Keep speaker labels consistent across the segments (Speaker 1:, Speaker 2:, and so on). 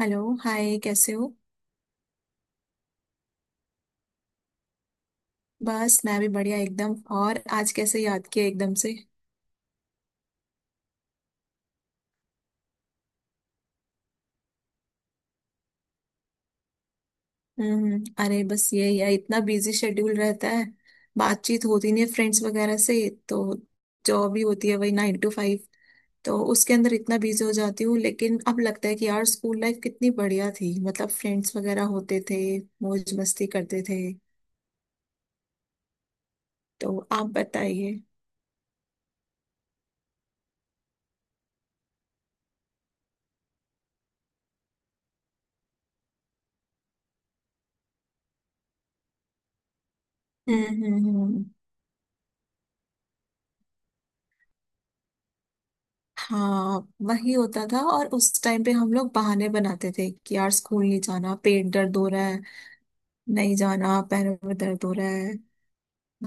Speaker 1: Hello, hi, कैसे हो। बस मैं भी बढ़िया एकदम। और आज कैसे याद किया एकदम से। हम्म। अरे बस यही है, इतना बिजी शेड्यूल रहता है। बातचीत होती नहीं है फ्रेंड्स वगैरह से। तो जॉब ही होती है, वही नाइन टू फाइव। तो उसके अंदर इतना बिजी हो जाती हूँ, लेकिन अब लगता है कि यार स्कूल लाइफ कितनी बढ़िया थी, मतलब फ्रेंड्स वगैरह होते थे, मौज मस्ती करते थे। तो आप बताइए। हम्म, हम्म, हम्म। हाँ वही होता था। और उस टाइम पे हम लोग बहाने बनाते थे कि यार स्कूल नहीं जाना, पेट दर्द हो रहा है, नहीं जाना, पैरों में दर्द हो रहा है,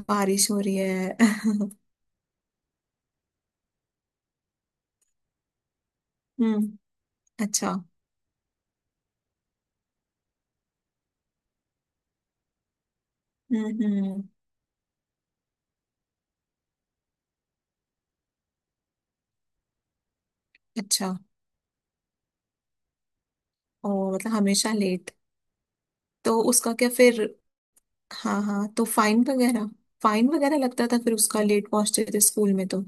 Speaker 1: बारिश हो रही है। हम्म। अच्छा। हम्म, हम्म। अच्छा। ओ, मतलब हमेशा लेट। तो उसका क्या फिर। हाँ हाँ, तो फाइन वगैरह, फाइन वगैरह लगता था फिर उसका, लेट पहुंचते थे स्कूल में तो।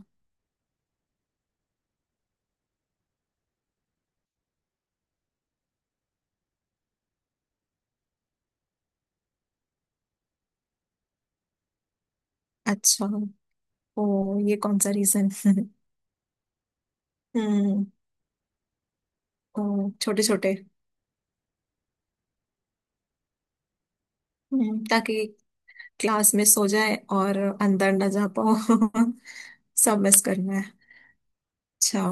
Speaker 1: अच्छा। ओ ये कौन सा रीजन। हम्म। ओ छोटे छोटे। हम्म, ताकि क्लास मिस हो जाए और अंदर ना जा पाओ। सब मिस करना है। अच्छा।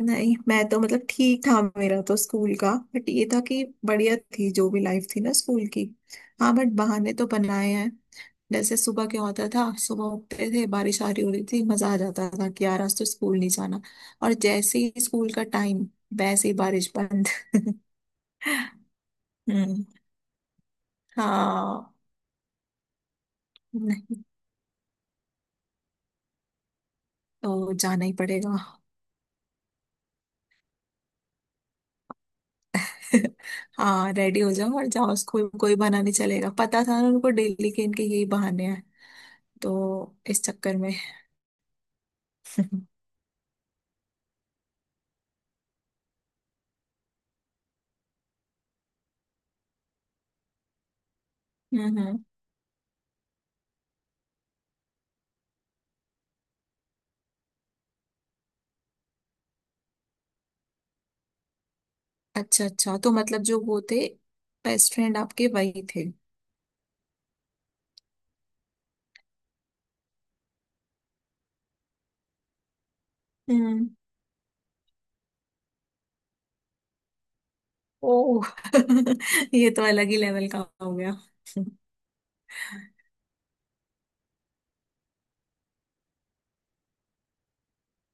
Speaker 1: नहीं, मैं तो मतलब ठीक था मेरा तो स्कूल का, बट ये था कि बढ़िया थी जो भी लाइफ थी ना स्कूल की। हाँ, बट बहाने तो बनाए हैं। जैसे सुबह क्या होता था, सुबह उठते थे, बारिश आ रही हो रही थी, मजा आ जाता था कि यार आज तो स्कूल नहीं जाना। और जैसे ही स्कूल का टाइम, वैसे ही बारिश बंद। हम्म। हाँ। नहीं, तो जाना ही पड़ेगा। हाँ, रेडी हो जाओ और जाओ स्कूल, कोई बहाना नहीं चलेगा, पता था ना उनको, डेली के इनके यही बहाने हैं, तो इस चक्कर में। हम्म, हम्म। अच्छा अच्छा, तो मतलब जो वो थे, बेस्ट फ्रेंड आपके वही थे। हम्म। ओ। ये तो अलग ही लेवल का हो गया।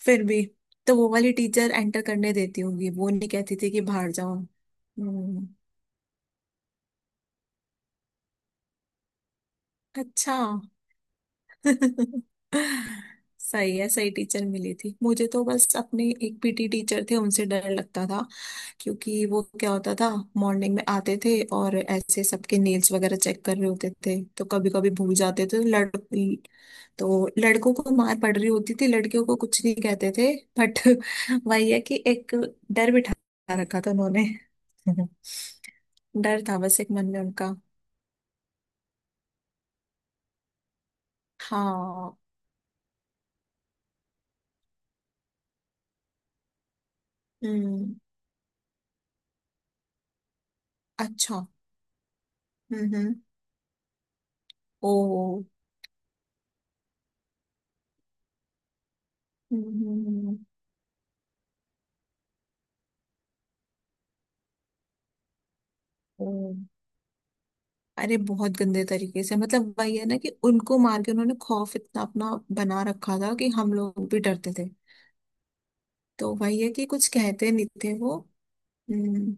Speaker 1: फिर भी, तो वो वाली टीचर एंटर करने देती होगी, वो नहीं कहती थी कि बाहर जाओ। हम्म। अच्छा। सही है। सही टीचर मिली थी मुझे तो बस, अपने एक पीटी टीचर थे, उनसे डर लगता था। क्योंकि वो क्या होता था, मॉर्निंग में आते थे और ऐसे सबके नेल्स वगैरह चेक कर रहे होते थे, तो कभी कभी भूल जाते थे लड़ तो लड़कों को मार पड़ रही होती थी, लड़कियों को कुछ नहीं कहते थे। बट वही है कि एक डर बिठा रखा था उन्होंने। डर था बस एक मन में उनका। हाँ। हम्म। अच्छा। हम्म, हम्म। ओ। हम्म। ओ। अरे, बहुत गंदे तरीके से, मतलब वही है ना कि उनको मार के उन्होंने खौफ इतना अपना बना रखा था कि हम लोग भी डरते थे। तो वही है कि कुछ कहते नहीं थे वो। हम्म।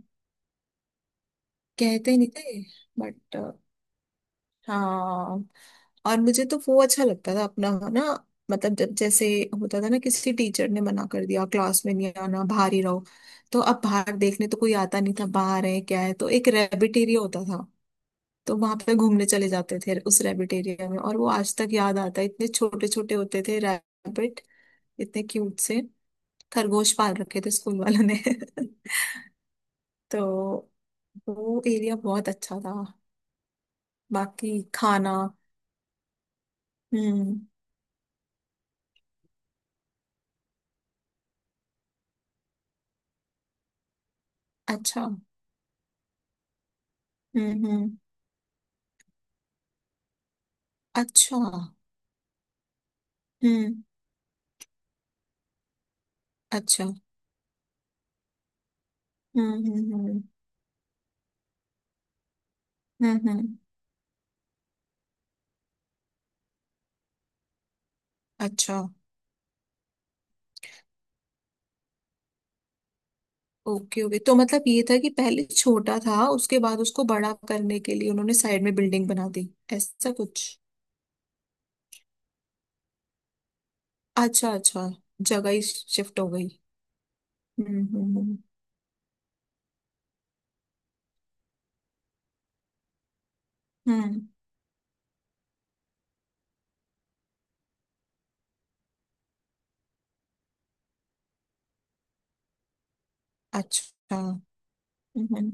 Speaker 1: कहते नहीं थे, बट हाँ। और मुझे तो वो अच्छा लगता था अपना ना, मतलब जब जैसे होता था ना, किसी टीचर ने मना कर दिया क्लास में नहीं आना, बाहर ही रहो, तो अब बाहर देखने तो कोई आता नहीं था बाहर है क्या है। तो एक रैबिट एरिया होता था, तो वहां पे घूमने चले जाते थे उस रैबिट एरिया में। और वो आज तक याद आता है, इतने छोटे छोटे होते थे रैबिट, इतने क्यूट से खरगोश पाल रखे थे स्कूल वालों ने। तो वो एरिया बहुत अच्छा था। बाकी खाना। हम्म। अच्छा। हम्म, हम्म। अच्छा। हम्म। अच्छा। हम्म, हम्म, हम्म, हम्म, हम्म। अच्छा, ओके ओके, तो मतलब ये था कि पहले छोटा था, उसके बाद उसको बड़ा करने के लिए उन्होंने साइड में बिल्डिंग बना दी, ऐसा कुछ। अच्छा अच्छा। जगह ही शिफ्ट हो गई। हम्म, हम्म, हम्म, हम्म। अच्छा। हम्म, हम्म,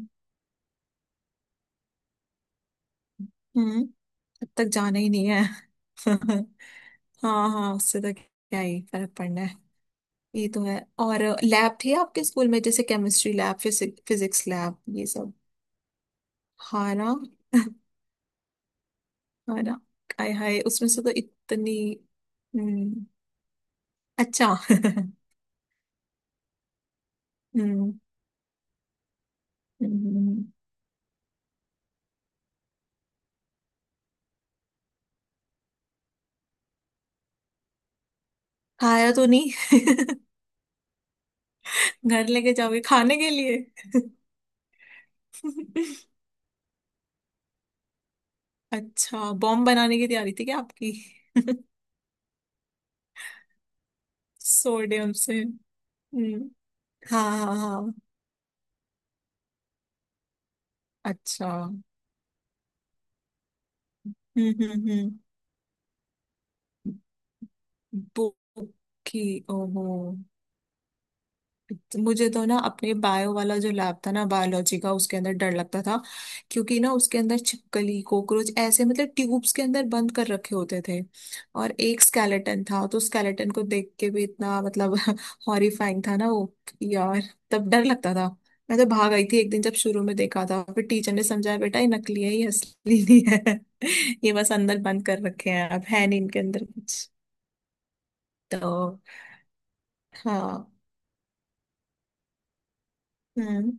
Speaker 1: हम्म। अब तक जाना ही नहीं है। हाँ हाँ, उससे तो क्या ही फर्क पड़ना है। ये तो है। और लैब थी आपके स्कूल में, जैसे केमिस्ट्री लैब, फिजिक्स लैब, ये सब। हाँ ना। हाँ ना। हाय हाय, उसमें से तो इतनी। हम्म। अच्छा। हम्म, हम्म, हम्म। खाया तो नहीं। घर लेके जाओगे खाने के लिए। अच्छा, बॉम्ब बनाने की तैयारी थी क्या आपकी। सोडियम से। हम्म। हाँ हाँ हाँ। अच्छा। हम्म, हम्म, हम्म। बुक की। ओहो। मुझे तो ना अपने बायो वाला जो लैब था ना, बायोलॉजी का, उसके अंदर डर लगता था। क्योंकि ना उसके अंदर छिपकली, कॉकरोच ऐसे, मतलब ट्यूब्स के अंदर बंद कर रखे होते थे। और एक स्केलेटन था, तो स्केलेटन को देख के भी इतना मतलब हॉरिफाइंग था ना वो यार। तब डर लगता था। मैं तो भाग आई थी एक दिन जब शुरू में देखा था, फिर टीचर ने समझाया बेटा ये नकली है, ये असली नहीं है। ये बस अंदर बंद कर रखे हैं, अब है नहीं इनके अंदर कुछ। तो हाँ। हम्म,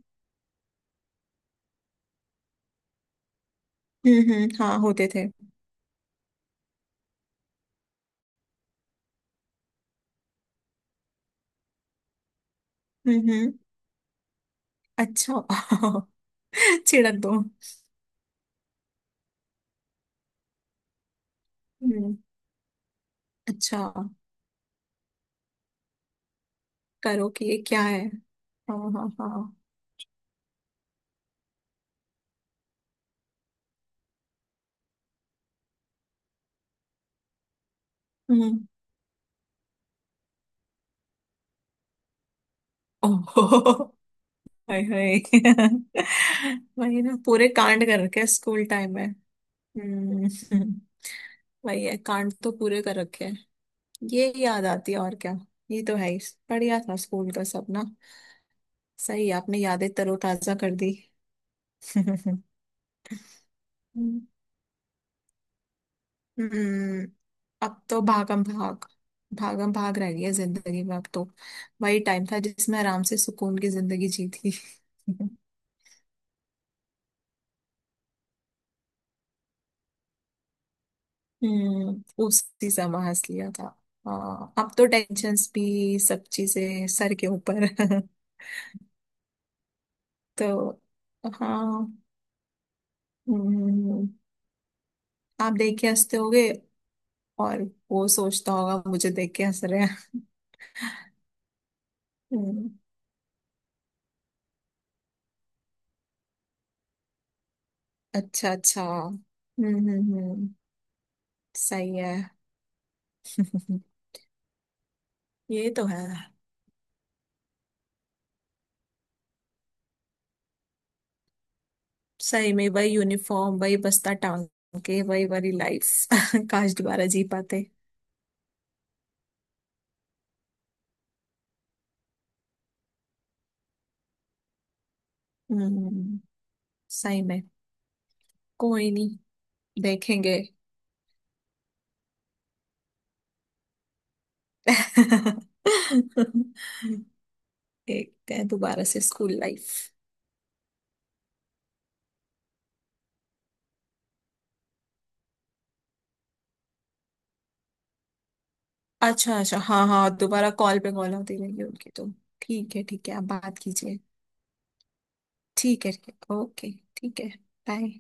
Speaker 1: हम्म, हम्म। हाँ होते थे। हम्म, अच्छा। छिड़क दो। हम्म। अच्छा, करो कि ये क्या है। हाँ हाँ हाँ। हम्म। ओहो। हाय हाय। वही ना, पूरे कांड कर रखे हैं स्कूल टाइम में। हम्म, हम्म। वही है, कांड तो पूरे कर रखे हैं। ये याद आती है, और क्या। ये तो है ही। बढ़िया था स्कूल का सब ना। सही, आपने यादें तरोताजा कर दी। हम्म। अब तो भागम भाग, भागम भाग रह गया जिंदगी में अब तो। वही टाइम था जिसमें आराम से सुकून की जिंदगी जी थी। हम्म, उसी समय हंस लिया था। हाँ, अब तो टेंशन्स भी सब चीजें सर के ऊपर। तो हाँ। हम्म। आप देख के हंसते होगे, और वो सोचता होगा मुझे देख के हंस रहे हैं। हम्म। अच्छा अच्छा, हम्म, हम्म, हम्म। सही है। ये तो है। सही में, वही यूनिफॉर्म, वही बस्ता टांग के, वही वाली लाइफ। काश दोबारा जी पाते। हम्म, सही में। कोई नहीं, देखेंगे। देखते हैं दोबारा से स्कूल लाइफ। अच्छा अच्छा, हाँ हाँ, दोबारा कॉल पे कॉल आती रहेगी उनकी तो। ठीक है ठीक है, आप बात कीजिए। ठीक है ठीक है, ओके। ठीक है। बाय।